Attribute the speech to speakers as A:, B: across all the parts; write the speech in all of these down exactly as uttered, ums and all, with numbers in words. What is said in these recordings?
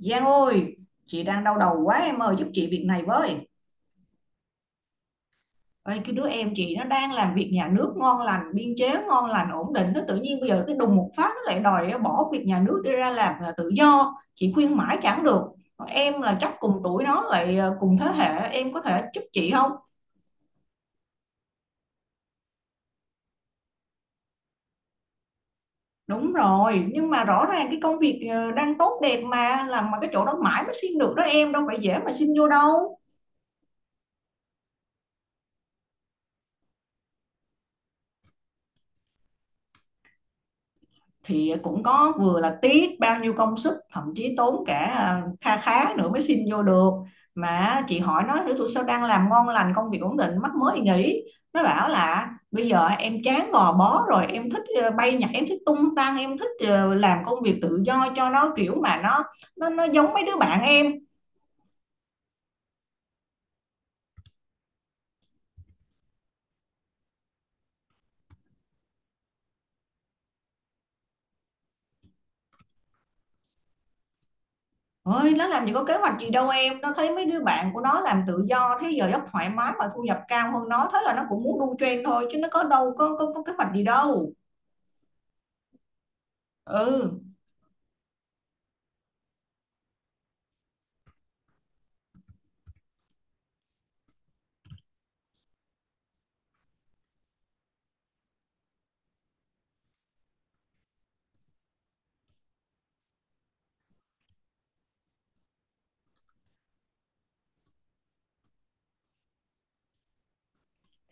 A: Giang ơi, chị đang đau đầu quá em ơi, giúp chị việc này với. Ê, cái đứa em chị nó đang làm việc nhà nước ngon lành, biên chế ngon lành, ổn định. Nó tự nhiên bây giờ cái đùng một phát nó lại đòi bỏ việc nhà nước đi ra làm là tự do. Chị khuyên mãi chẳng được. Em là chắc cùng tuổi nó lại ờ, cùng thế hệ, em có thể giúp chị không? Đúng rồi, nhưng mà rõ ràng cái công việc ờ, đang tốt đẹp mà, làm mà cái chỗ đó mãi mới xin được đó em, đâu phải dễ mà xin vô đâu. Thì cũng có vừa là tiếc bao nhiêu công sức thậm chí tốn cả à, kha khá nữa mới xin vô được, mà chị hỏi nó thử tụi sao đang làm ngon lành công việc ổn định mắc mới nghỉ. Nó bảo là bây giờ em chán gò bó rồi, em thích ờ, bay nhảy, em thích tung tăng, em thích ờ, làm công việc tự do cho nó kiểu mà nó nó nó giống mấy đứa bạn em. Ơi, nó làm gì có kế hoạch gì đâu em, nó thấy mấy đứa bạn của nó làm tự do thế giờ giấc thoải mái và thu nhập cao hơn nó, thế là nó cũng muốn đu trend thôi, chứ nó có đâu có có, có kế hoạch gì đâu. Ừ,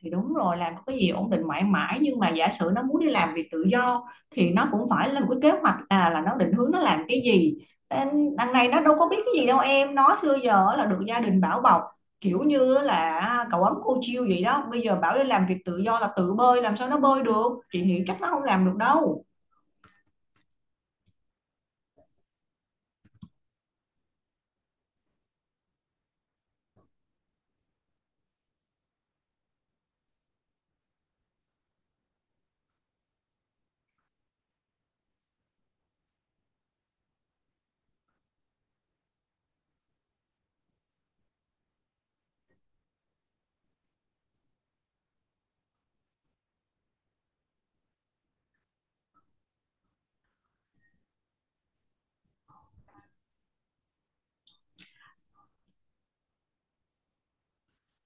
A: thì đúng rồi, làm có cái gì ổn định mãi mãi, nhưng mà giả sử nó muốn đi làm việc tự do thì nó cũng phải lên một cái kế hoạch, à, là nó định hướng nó làm cái gì. Nên đằng này nó đâu có biết cái gì đâu em, nó xưa giờ là được gia đình bảo bọc, kiểu như là cậu ấm cô chiêu vậy đó, bây giờ bảo đi làm việc tự do là tự bơi, làm sao nó bơi được, chị nghĩ chắc nó không làm được đâu.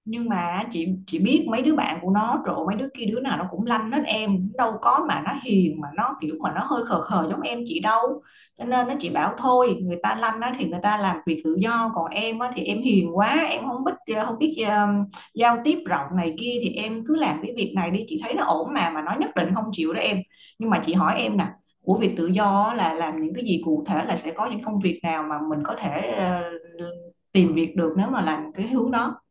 A: Nhưng mà chị chị biết mấy đứa bạn của nó, trộn mấy đứa kia đứa nào nó cũng lanh hết em, đâu có mà nó hiền, mà nó kiểu mà nó hơi khờ khờ giống em chị đâu. Cho nên nó, chị bảo thôi, người ta lanh á thì người ta làm việc tự do, còn em á thì em hiền quá, em không biết ờ, không biết um, giao tiếp rộng này kia, thì em cứ làm cái việc này đi, chị thấy nó ổn mà mà nó nhất định không chịu đó em. Nhưng mà chị hỏi em nè, của việc tự do á là làm những cái gì, cụ thể là sẽ có những công việc nào mà mình có thể ờ, tìm việc được nếu mà làm cái hướng đó.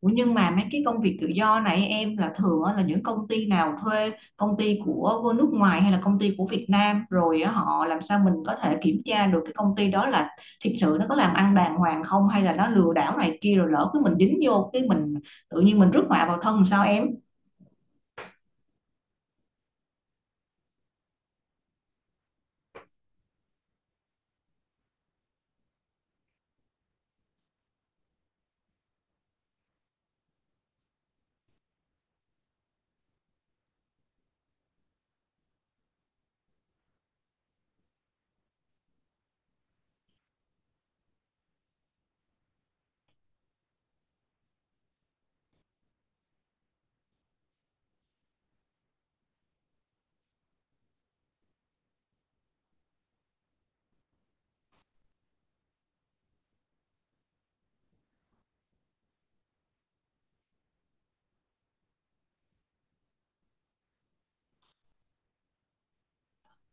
A: Ủa nhưng mà mấy cái công việc tự do này em, là thường á, là những công ty nào thuê, công ty của của nước ngoài hay là công ty của Việt Nam rồi á, họ làm sao mình có thể kiểm tra được cái công ty đó là thực sự nó có làm ăn đàng hoàng không, hay là nó lừa đảo này kia, rồi lỡ cứ mình dính vô cái mình tự nhiên mình rước họa vào thân sao em.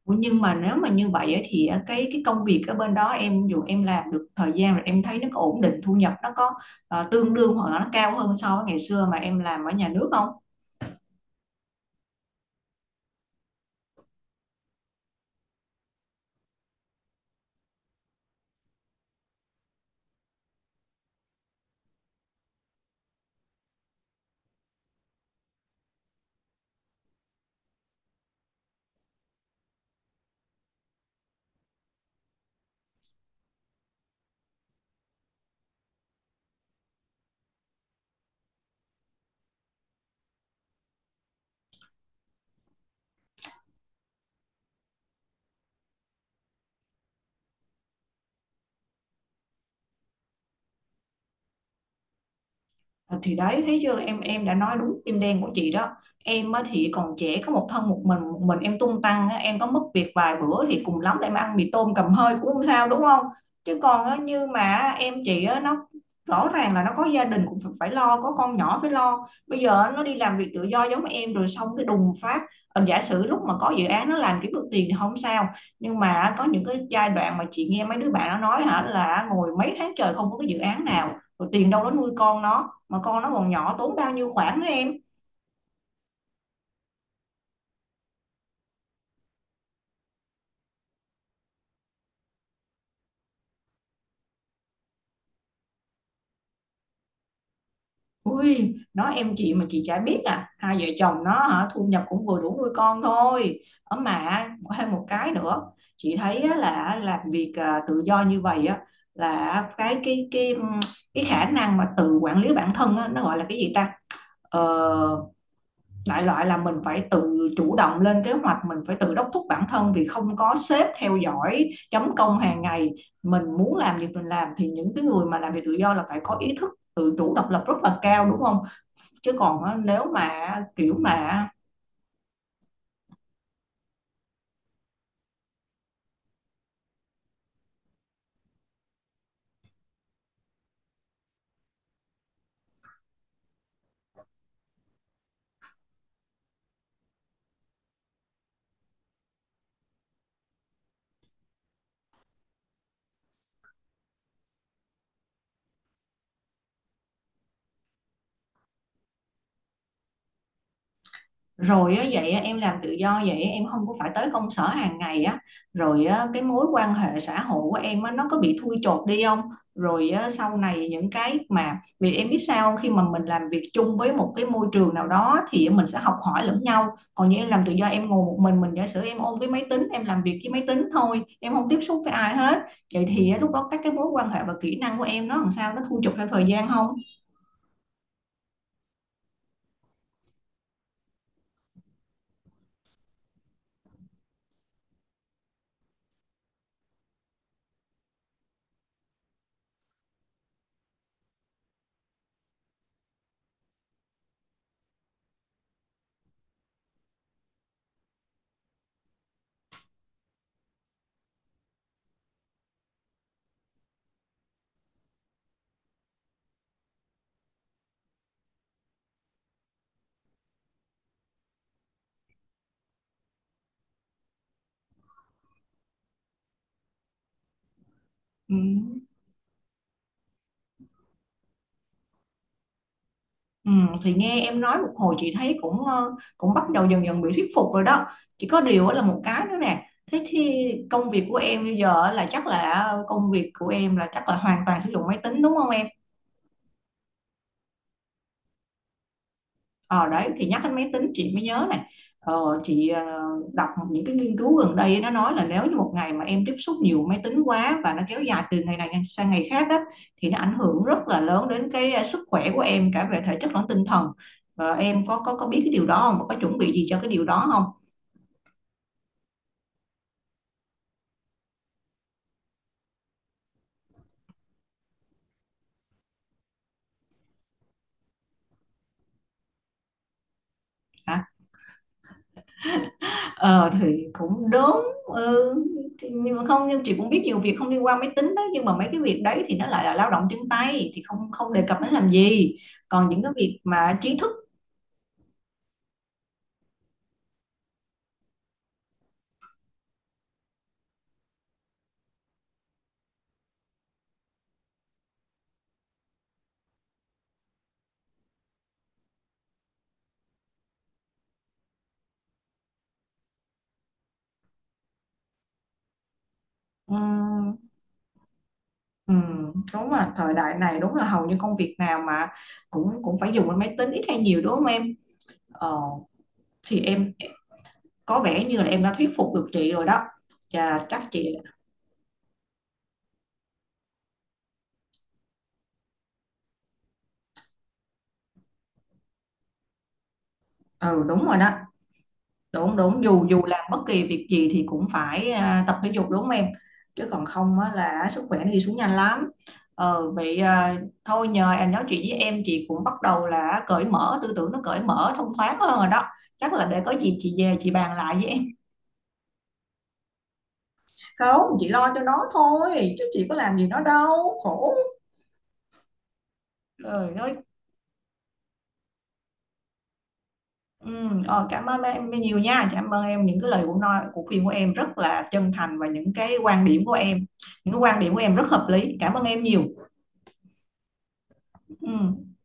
A: Ủa nhưng mà nếu mà như vậy á, thì á, cái cái công việc ở bên đó em, dù em làm được thời gian rồi em thấy nó có ổn định thu nhập, nó có ờ, tương đương hoặc là nó cao hơn so với ngày xưa mà em làm ở nhà nước không. Ờ, thì đấy thấy chưa em em đã nói đúng tim đen của chị đó. Em á, thì còn trẻ có một thân một mình, một mình em tung tăng á, em có mất việc vài bữa thì cùng lắm là em ăn mì tôm cầm hơi cũng không sao đúng không. Chứ còn á, như mà em chị á, nó rõ ràng là nó có gia đình cũng phải lo, có con nhỏ phải lo, bây giờ á, nó đi làm việc tự do giống em rồi xong cái đùng phát, ờ, giả sử lúc mà có dự án nó làm kiếm được tiền thì không sao, nhưng mà có những cái giai đoạn mà chị nghe mấy đứa bạn nó nói hả là ngồi mấy tháng trời không có cái dự án nào, rồi tiền đâu nó nuôi con nó, mà con nó còn nhỏ tốn bao nhiêu khoản nữa em. Ui, nói em chị mà chị chả biết à, hai vợ chồng nó hả thu nhập cũng vừa đủ nuôi con thôi, ở mà có thêm một cái nữa. Chị thấy á, là làm việc à, tự do như vậy á, là cái cái cái cái khả năng mà tự quản lý bản thân á, nó gọi là cái gì ta, ờ, đại loại là mình phải tự chủ động lên kế hoạch, mình phải tự đốc thúc bản thân vì không có sếp theo dõi chấm công hàng ngày, mình muốn làm gì mình làm, thì những cái người mà làm việc tự do là phải có ý thức tự chủ độc lập rất là cao đúng không, chứ còn nếu mà kiểu mà. Rồi á, vậy á, em làm tự do vậy á, em không có phải tới công sở hàng ngày á, rồi á, cái mối quan hệ xã hội của em á, nó có bị thui chột đi không, rồi á, sau này những cái mà, vì em biết sao không? Khi mà mình làm việc chung với một cái môi trường nào đó thì mình sẽ học hỏi lẫn nhau, còn như em làm tự do em ngồi một mình mình giả sử em ôm cái máy tính em làm việc với máy tính thôi, em không tiếp xúc với ai hết, vậy thì á, lúc đó các cái mối quan hệ và kỹ năng của em nó làm sao, nó thui chột theo thời gian không. Ừ. Ừ, thì nghe em nói một hồi chị thấy cũng ờ, cũng bắt đầu dần dần bị thuyết phục rồi đó, chỉ có điều á là một cái nữa nè, thế thì công việc của em bây giờ á là chắc là công việc của em là chắc là hoàn toàn sử dụng máy tính đúng không em. Ờ đấy thì nhắc đến máy tính chị mới nhớ này, ờ, chị ờ, đọc những cái nghiên cứu gần đây nó nói là nếu như một ngày mà em tiếp xúc nhiều máy tính quá và nó kéo dài từ ngày này sang ngày khác á, thì nó ảnh hưởng rất là lớn đến cái ờ, sức khỏe của em cả về thể chất lẫn tinh thần. Ờ, em có có có biết cái điều đó không, có chuẩn bị gì cho cái điều đó không. Hả, ờ thì cũng đúng. Ừ. Thì- nhưng mà không, nhưng chị cũng biết nhiều việc không liên quan máy tính đó, nhưng mà mấy cái việc đấy thì nó lại là lao động chân tay thì không không đề cập đến làm gì, còn những cái việc mà trí thức. Ừ, ừ, đúng là thời đại này đúng là hầu như công việc nào mà cũng cũng phải dùng đến máy tính ít hay nhiều đúng không em? Ờ, thì em có vẻ như là em đã thuyết phục được chị rồi đó. Chà, chắc chị. Ừ đúng rồi đó. Đúng đúng, dù dù làm bất kỳ việc gì thì cũng phải à, tập thể dục đúng không em? Chứ còn không á, là sức khỏe nó đi xuống nhanh lắm. Ờ vậy à, thôi nhờ em nói chuyện với em chị cũng bắt đầu là cởi mở tư tưởng, nó cởi mở thông thoáng hơn rồi đó. Chắc là để có gì chị về chị bàn lại với em. Không, chị lo cho nó thôi chứ chị có làm gì nó đâu, khổ. Trời ơi. ừ, ờ, Cảm ơn em nhiều nha, cảm ơn em những cái lời của nói của khuyên của em rất là chân thành, và những cái quan điểm của em, những cái quan điểm của em rất hợp lý, cảm ơn em nhiều. Ừ.